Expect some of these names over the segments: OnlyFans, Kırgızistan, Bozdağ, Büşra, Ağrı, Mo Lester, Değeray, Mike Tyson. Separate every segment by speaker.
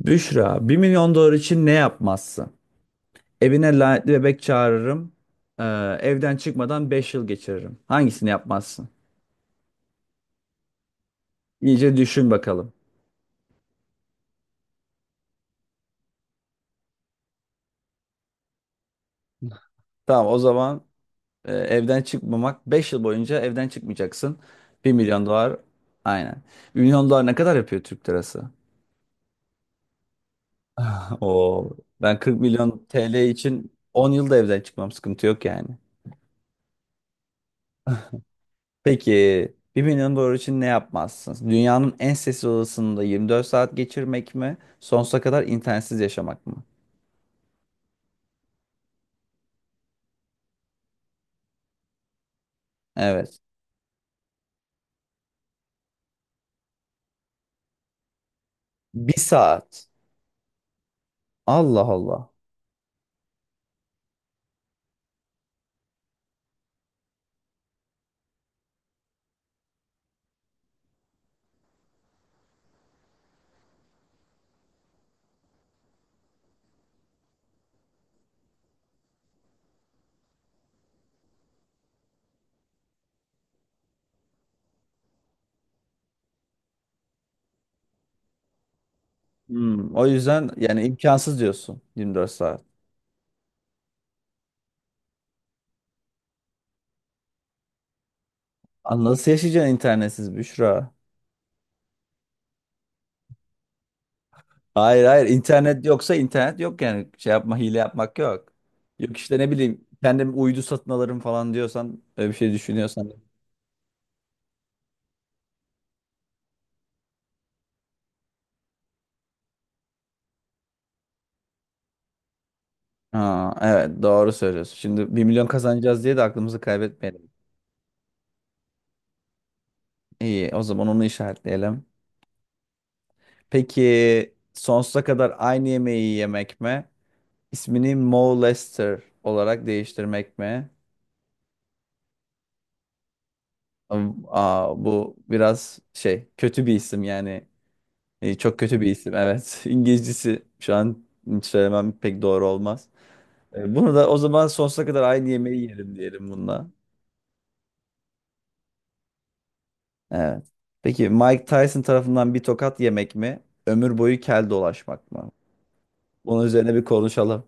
Speaker 1: Büşra, 1 milyon dolar için ne yapmazsın? Evine lanetli bebek çağırırım. Ee, evden çıkmadan 5 yıl geçiririm. Hangisini yapmazsın? İyice düşün bakalım. Tamam o zaman evden çıkmamak, 5 yıl boyunca evden çıkmayacaksın. 1 milyon dolar, aynen. 1 milyon dolar ne kadar yapıyor Türk lirası? Oo, ben 40 milyon TL için 10 yılda evden çıkmam, sıkıntı yok yani. Peki 1 milyon dolar için ne yapmazsın? Dünyanın en sessiz odasında 24 saat geçirmek mi? Sonsuza kadar internetsiz yaşamak mı? Evet. Bir saat. Allah Allah. Hmm, o yüzden yani imkansız diyorsun 24 saat. Aa, nasıl yaşayacaksın internetsiz Büşra? Hayır, hayır, internet yoksa internet yok, yani şey yapma, hile yapmak yok. Yok işte, ne bileyim, kendim uydu satın alırım falan diyorsan, öyle bir şey düşünüyorsan. Ha, evet, doğru söylüyorsun. Şimdi 1 milyon kazanacağız diye de aklımızı kaybetmeyelim. İyi, o zaman onu işaretleyelim. Peki sonsuza kadar aynı yemeği yemek mi? İsmini Mo Lester olarak değiştirmek mi? Aa, bu biraz şey, kötü bir isim yani. Çok kötü bir isim, evet. İngilizcesi şu an hiç söylemem, pek doğru olmaz. Bunu da o zaman sonsuza kadar aynı yemeği yerim diyelim bununla. Evet. Peki Mike Tyson tarafından bir tokat yemek mi? Ömür boyu kel dolaşmak mı? Bunun üzerine bir konuşalım.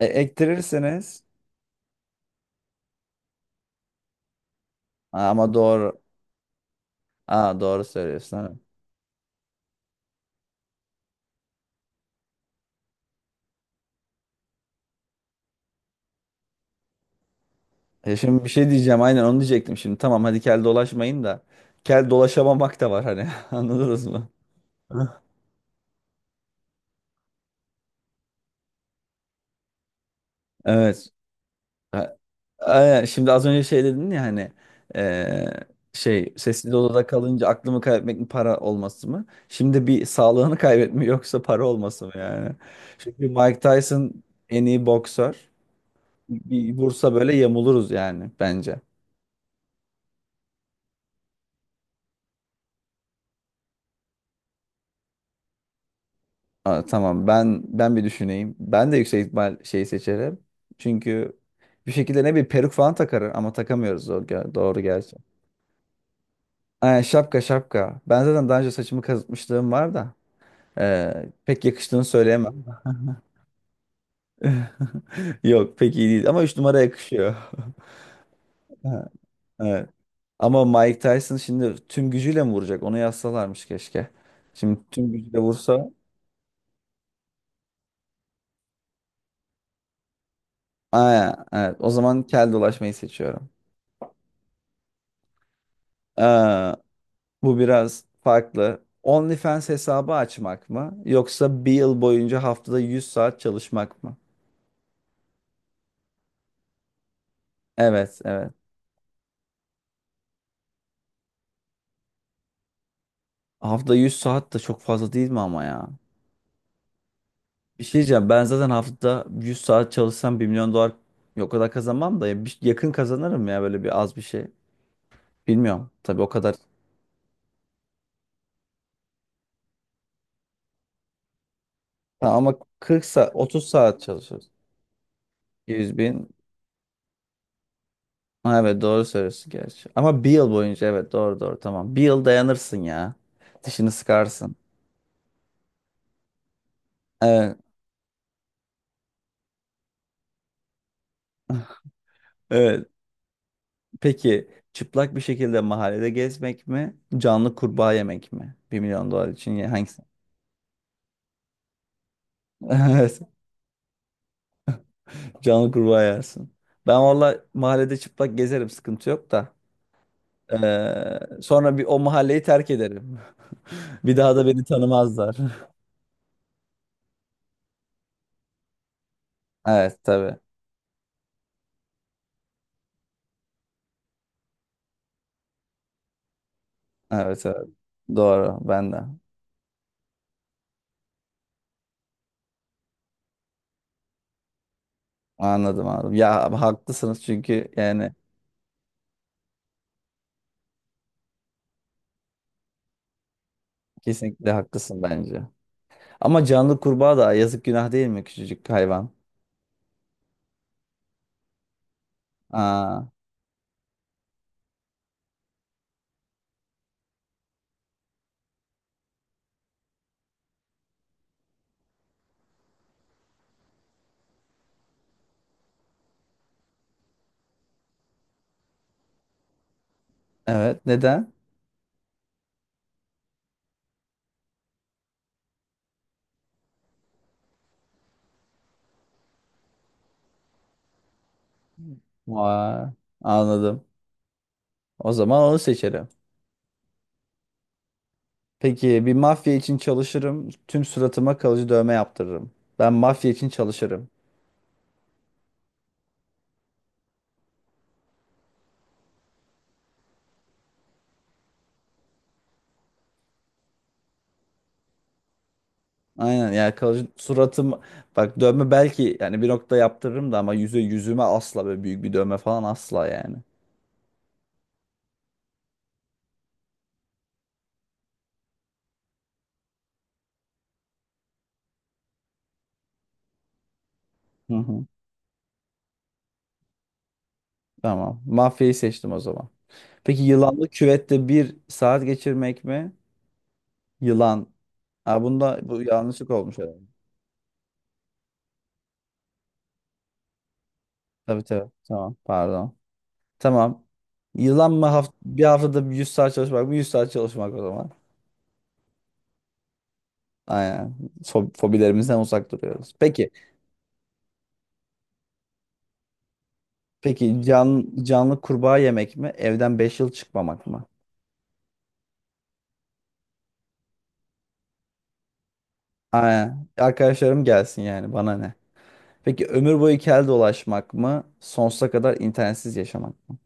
Speaker 1: Ektirirseniz. Ha, ama doğru. Ha, doğru söylüyorsun. Ha. Şimdi bir şey diyeceğim. Aynen onu diyecektim şimdi. Tamam, hadi kel dolaşmayın da. Kel dolaşamamak da var hani. Anladınız mı? Evet. A- Aynen. Şimdi az önce şey dedin ya hani, eee, şey, sessiz odada kalınca aklımı kaybetmek mi, para olması mı? Şimdi bir sağlığını kaybetme yoksa para olması mı yani? Çünkü Mike Tyson en iyi boksör. Bir vursa böyle yamuluruz yani bence. Aa, tamam, ben bir düşüneyim. Ben de yüksek ihtimal şeyi seçerim. Çünkü bir şekilde ne bir peruk falan takarım, ama takamıyoruz, doğru, doğru gerçi. Aynen, şapka şapka. Ben zaten daha önce saçımı kazıtmışlığım var da pek yakıştığını söyleyemem. Yok, pek iyi değil ama 3 numara yakışıyor. Ha, evet. Ama Mike Tyson şimdi tüm gücüyle mi vuracak? Onu yazsalarmış keşke. Şimdi tüm gücüyle vursa. Aynen, evet. O zaman kel dolaşmayı seçiyorum. Aa, bu biraz farklı. OnlyFans hesabı açmak mı, yoksa bir yıl boyunca haftada 100 saat çalışmak mı? Evet, evet. Haftada 100 saat de çok fazla değil mi ama ya? Bir şey diyeceğim. Ben zaten haftada 100 saat çalışsam 1 milyon dolar o kadar kazanmam da ya, yakın kazanırım ya böyle, bir az bir şey. Bilmiyorum. Tabii o kadar. Ha, ama 40 saat, 30 saat çalışırız. 100 bin. Ha, evet, doğru söylüyorsun gerçi. Ama bir yıl boyunca, evet, doğru, doğru, tamam. Bir yıl dayanırsın ya. Dişini sıkarsın. Evet. Evet. Peki çıplak bir şekilde mahallede gezmek mi? Canlı kurbağa yemek mi? 1 milyon dolar için hangisi? Evet, canlı kurbağa yersin. Ben valla mahallede çıplak gezerim, sıkıntı yok da. Sonra bir o mahalleyi terk ederim. Bir daha da beni tanımazlar. Evet, tabii. Evet, evet. Doğru, ben de. Anladım, anladım. Ya, haklısınız çünkü yani kesinlikle haklısın bence. Ama canlı kurbağa da yazık, günah değil mi, küçücük hayvan? Aa. Evet. Neden? Vay, anladım. O zaman onu seçerim. Peki bir mafya için çalışırım. Tüm suratıma kalıcı dövme yaptırırım. Ben mafya için çalışırım. Aynen, yani kalıcı suratım, bak, dövme belki yani bir nokta yaptırırım da, ama yüzüme asla böyle büyük bir dövme falan, asla yani. Hı hı. Tamam. Mafyayı seçtim o zaman. Peki yılanlı küvette bir saat geçirmek mi? Yılan. Aa, bunda bu yanlışlık olmuş herhalde. Tabii, tabii. Tamam. Pardon. Tamam. Yılan mı, haftada bir 100 saat çalışmak mı? 100 saat çalışmak o zaman. Aynen. Fobilerimizden uzak duruyoruz. Peki. Peki canlı kurbağa yemek mi? Evden 5 yıl çıkmamak mı? Aynen. Arkadaşlarım gelsin, yani bana ne? Peki ömür boyu kel dolaşmak mı? Sonsuza kadar internetsiz yaşamak mı?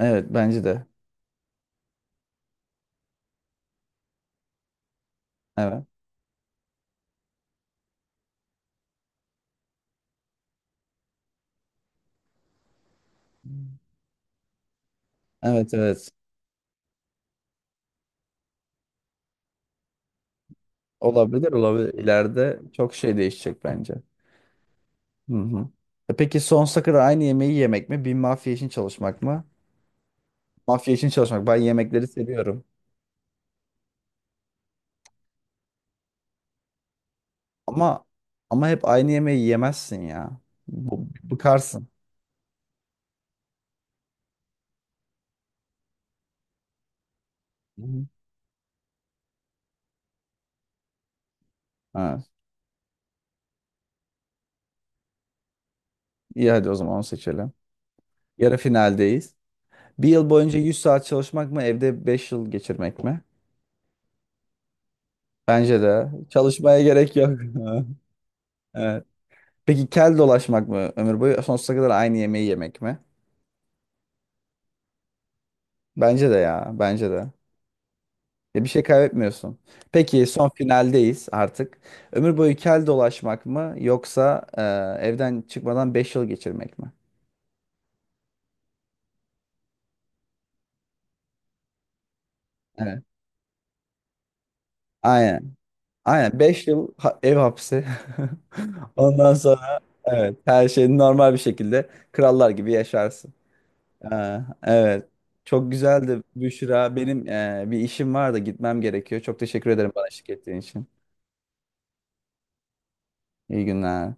Speaker 1: Evet, bence de. Evet. Evet, evet. Olabilir, olabilir. İleride çok şey değişecek bence. Hı hı. Peki sonsuza kadar aynı yemeği yemek mi? Bir mafya için çalışmak mı? Mafya için çalışmak. Ben yemekleri seviyorum. Ama ama hep aynı yemeği yemezsin ya. Bıkarsın. Hı hı. Ha, iyi, hadi o zaman onu seçelim. Yarı finaldeyiz. Bir yıl boyunca 100 saat çalışmak mı? Evde 5 yıl geçirmek mi? Bence de. Çalışmaya gerek yok. Evet. Peki kel dolaşmak mı ömür boyu? Sonsuza kadar aynı yemeği yemek mi? Bence de ya. Bence de. Ya bir şey kaybetmiyorsun. Peki son finaldeyiz artık. Ömür boyu kel dolaşmak mı yoksa evden çıkmadan 5 yıl geçirmek mi? Evet. Aynen. Aynen 5 yıl, ev hapsi. Ondan sonra, evet, her şey normal bir şekilde krallar gibi yaşarsın. Evet. Çok güzeldi Büşra. Benim bir işim var da gitmem gerekiyor. Çok teşekkür ederim bana eşlik ettiğin için. İyi günler.